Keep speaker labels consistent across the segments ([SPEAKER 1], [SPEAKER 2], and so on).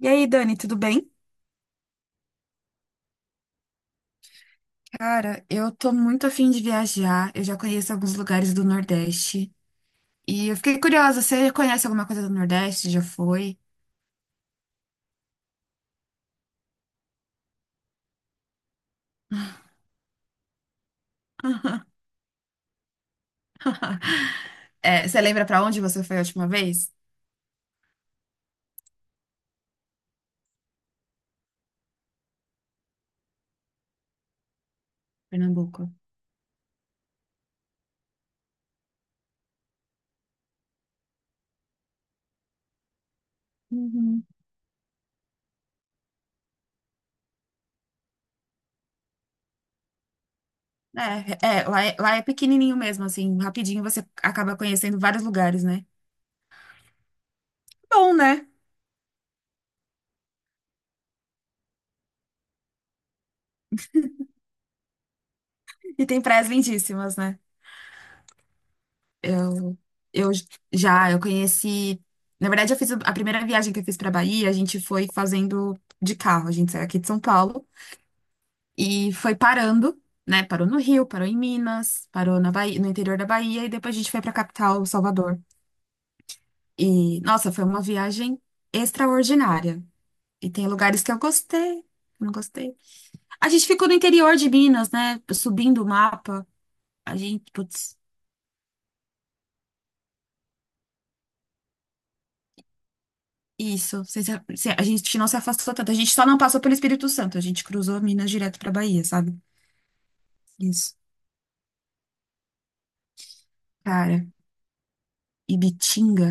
[SPEAKER 1] E aí, Dani, tudo bem? Cara, eu tô muito afim de viajar. Eu já conheço alguns lugares do Nordeste. E eu fiquei curiosa, você conhece alguma coisa do Nordeste? Já foi? É, você lembra pra onde você foi a última vez? Pernambuco. Uhum. É, lá é pequenininho mesmo, assim, rapidinho você acaba conhecendo vários lugares, né? Bom, né? E tem praias lindíssimas, né? Eu, eu eu conheci. Na verdade, eu fiz a primeira viagem que eu fiz para Bahia, a gente foi fazendo de carro. A gente saiu aqui de São Paulo e foi parando, né? Parou no Rio, parou em Minas, parou na Bahia, no interior da Bahia e depois a gente foi para a capital, Salvador. E, nossa, foi uma viagem extraordinária. E tem lugares que eu gostei, que eu não gostei. A gente ficou no interior de Minas, né? Subindo o mapa. A gente, putz. Isso, a gente não se afastou tanto, a gente só não passou pelo Espírito Santo, a gente cruzou Minas direto pra Bahia, sabe? Isso. Cara, Ibitinga.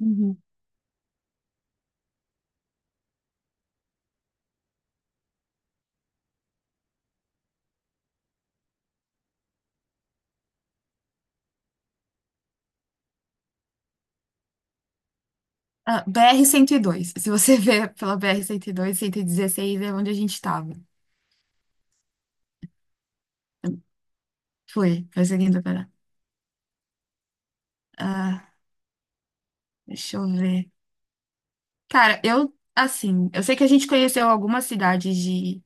[SPEAKER 1] Uhum. Ah, BR-102. Se você ver pela BR-102, 116 é onde a gente tava. Foi, perseguindo para. Ah, deixa eu ver. Cara, eu sei que a gente conheceu algumas cidades de.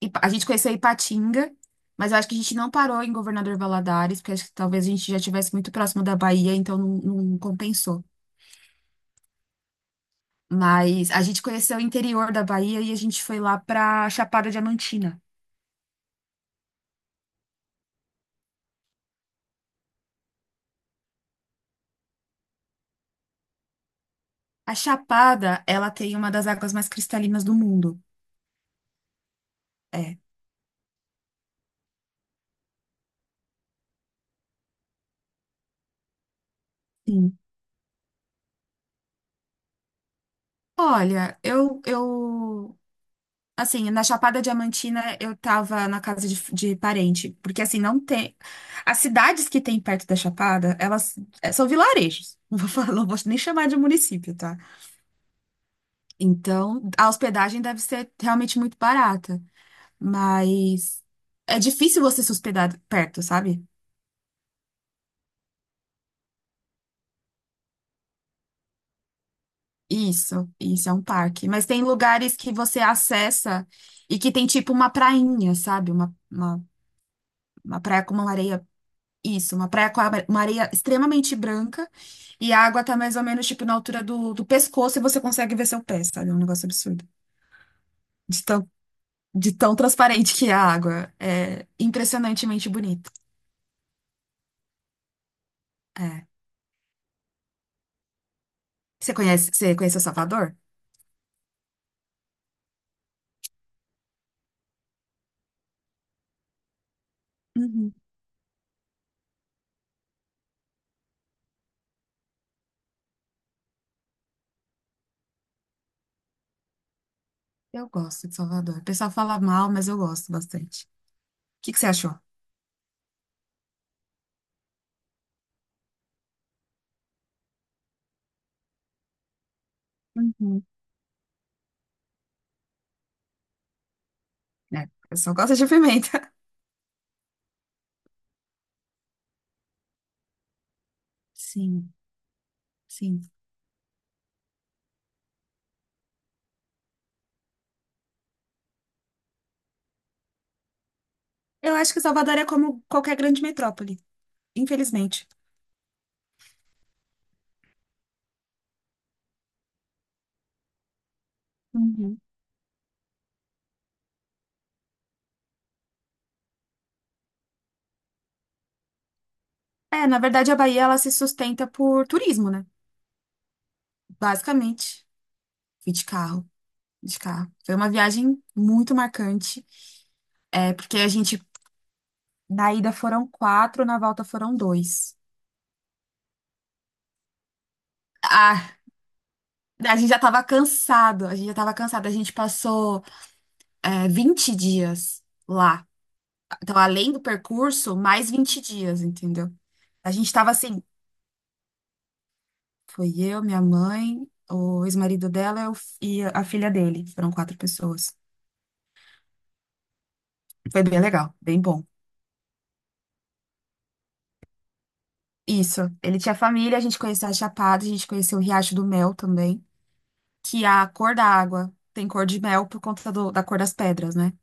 [SPEAKER 1] A gente conheceu Ipatinga, mas eu acho que a gente não parou em Governador Valadares, porque acho que talvez a gente já estivesse muito próximo da Bahia, então não, não compensou. Mas a gente conheceu o interior da Bahia e a gente foi lá pra Chapada Diamantina. A Chapada, ela tem uma das águas mais cristalinas do mundo. É, sim. Olha, eu, assim, na Chapada Diamantina eu tava na casa de parente, porque assim, não tem, as cidades que tem perto da Chapada, elas são vilarejos. Não vou falar, não vou nem chamar de município, tá? Então, a hospedagem deve ser realmente muito barata. Mas é difícil você se hospedar perto, sabe? Isso é um parque. Mas tem lugares que você acessa e que tem tipo uma prainha, sabe? Uma praia com uma areia. Isso, uma praia com uma areia extremamente branca e a água tá mais ou menos tipo na altura do pescoço e você consegue ver seu pé, sabe? É um negócio absurdo. De tão, de tão transparente que é a água. É impressionantemente bonito. É. Você conhece o Salvador? Uhum. Eu gosto de Salvador. O pessoal fala mal, mas eu gosto bastante. O que que você achou? Uhum. É, eu só gosto de pimenta. Sim, sim. Eu acho que Salvador é como qualquer grande metrópole, infelizmente. Uhum. É, na verdade, a Bahia ela se sustenta por turismo, né? Basicamente. Fui de carro. Foi uma viagem muito marcante, porque a gente, na ida foram quatro, na volta foram dois. Ah, a gente já tava cansado, a gente já tava cansado. A gente passou 20 dias lá. Então, além do percurso, mais 20 dias, entendeu? A gente tava assim, foi eu, minha mãe, o ex-marido dela e a filha dele. Foram quatro pessoas. Foi bem legal, bem bom. Isso. Ele tinha família, a gente conheceu a Chapada, a gente conheceu o Riacho do Mel também, que a cor da água tem cor de mel por conta da cor das pedras, né?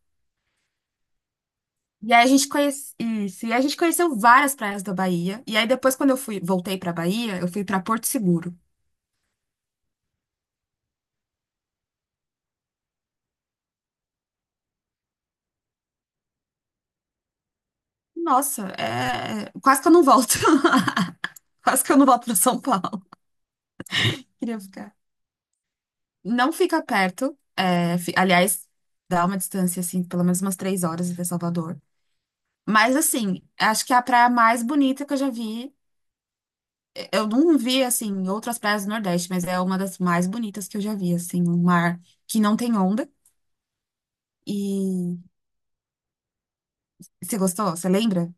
[SPEAKER 1] E aí a gente conhece isso, e a gente conheceu várias praias da Bahia. E aí depois quando eu fui, voltei pra Bahia, eu fui pra Porto Seguro. Nossa, quase que eu não volto. Quase que eu não volto para São Paulo. Queria ficar. Não fica perto. Aliás, dá uma distância, assim, pelo menos umas 3 horas de Salvador. Mas, assim, acho que é a praia mais bonita que eu já vi. Eu não vi, assim, outras praias do Nordeste, mas é uma das mais bonitas que eu já vi, assim. Um mar que não tem onda. E você gostou? Você lembra?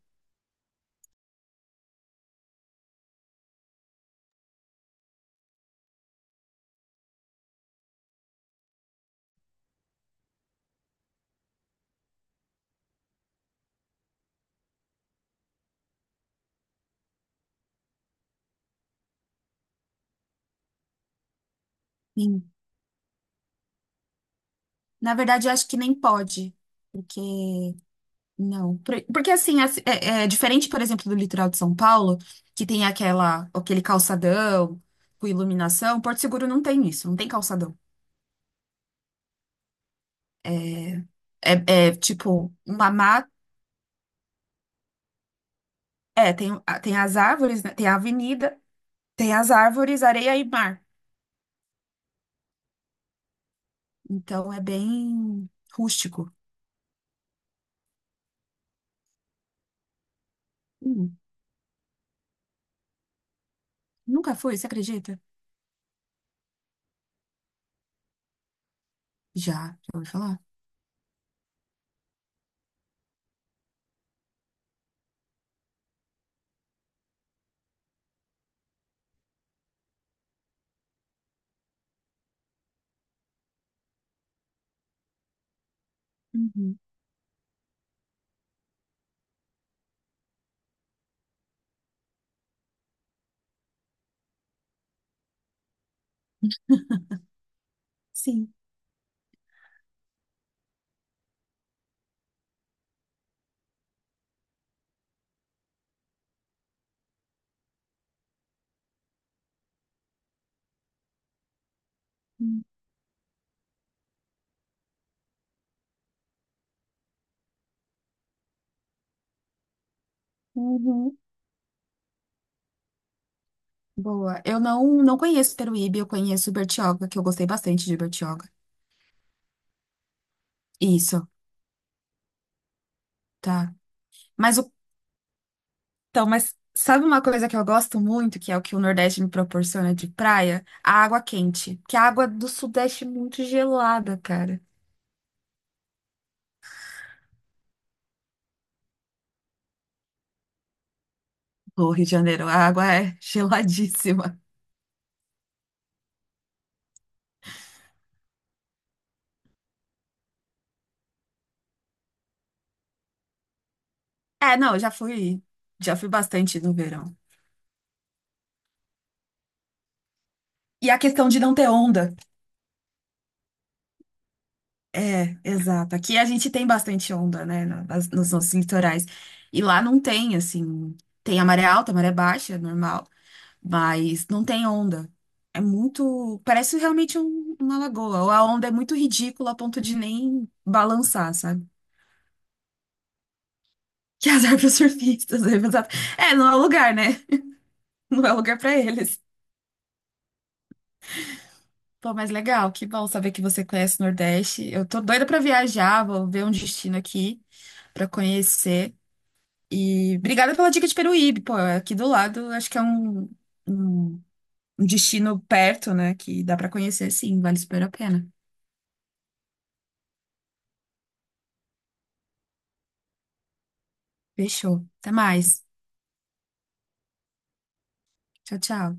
[SPEAKER 1] Sim. Na verdade, eu acho que nem pode. Porque Não, porque assim, é diferente, por exemplo, do litoral de São Paulo, que tem aquele calçadão com iluminação. Porto Seguro não tem isso, não tem calçadão. É, é, tipo uma mata, é, tem, tem as árvores, né? Tem a avenida, tem as árvores, areia e mar. Então é bem rústico. Hum, nunca fui, você acredita? Já ouvi falar? Uhum. Sim. Hum, uhum. Boa. Eu não conheço Peruíbe, eu conheço Bertioga, que eu gostei bastante de Bertioga. Isso, tá. Mas o- mas sabe uma coisa que eu gosto muito, que é o que o Nordeste me proporciona de praia? A água quente. Que a água do Sudeste é muito gelada, cara. O Rio de Janeiro, a água é geladíssima. É, não, eu já fui bastante no verão. E a questão de não ter onda. É, exato. Aqui a gente tem bastante onda, né, nos nossos litorais. E lá não tem, assim, tem a maré alta, a maré baixa, é normal. Mas não tem onda. É muito. Parece realmente uma lagoa. Ou a onda é muito ridícula a ponto de nem balançar, sabe? Que azar para surfistas. É, exato. É, não é lugar, né? Não é lugar para eles. Pô, mas legal, que bom saber que você conhece o Nordeste. Eu tô doida para viajar, vou ver um destino aqui para conhecer. E obrigada pela dica de Peruíbe, pô, é aqui do lado, acho que é um, um destino perto, né? Que dá para conhecer, sim, vale super a pena. Fechou. Até mais. Tchau, tchau.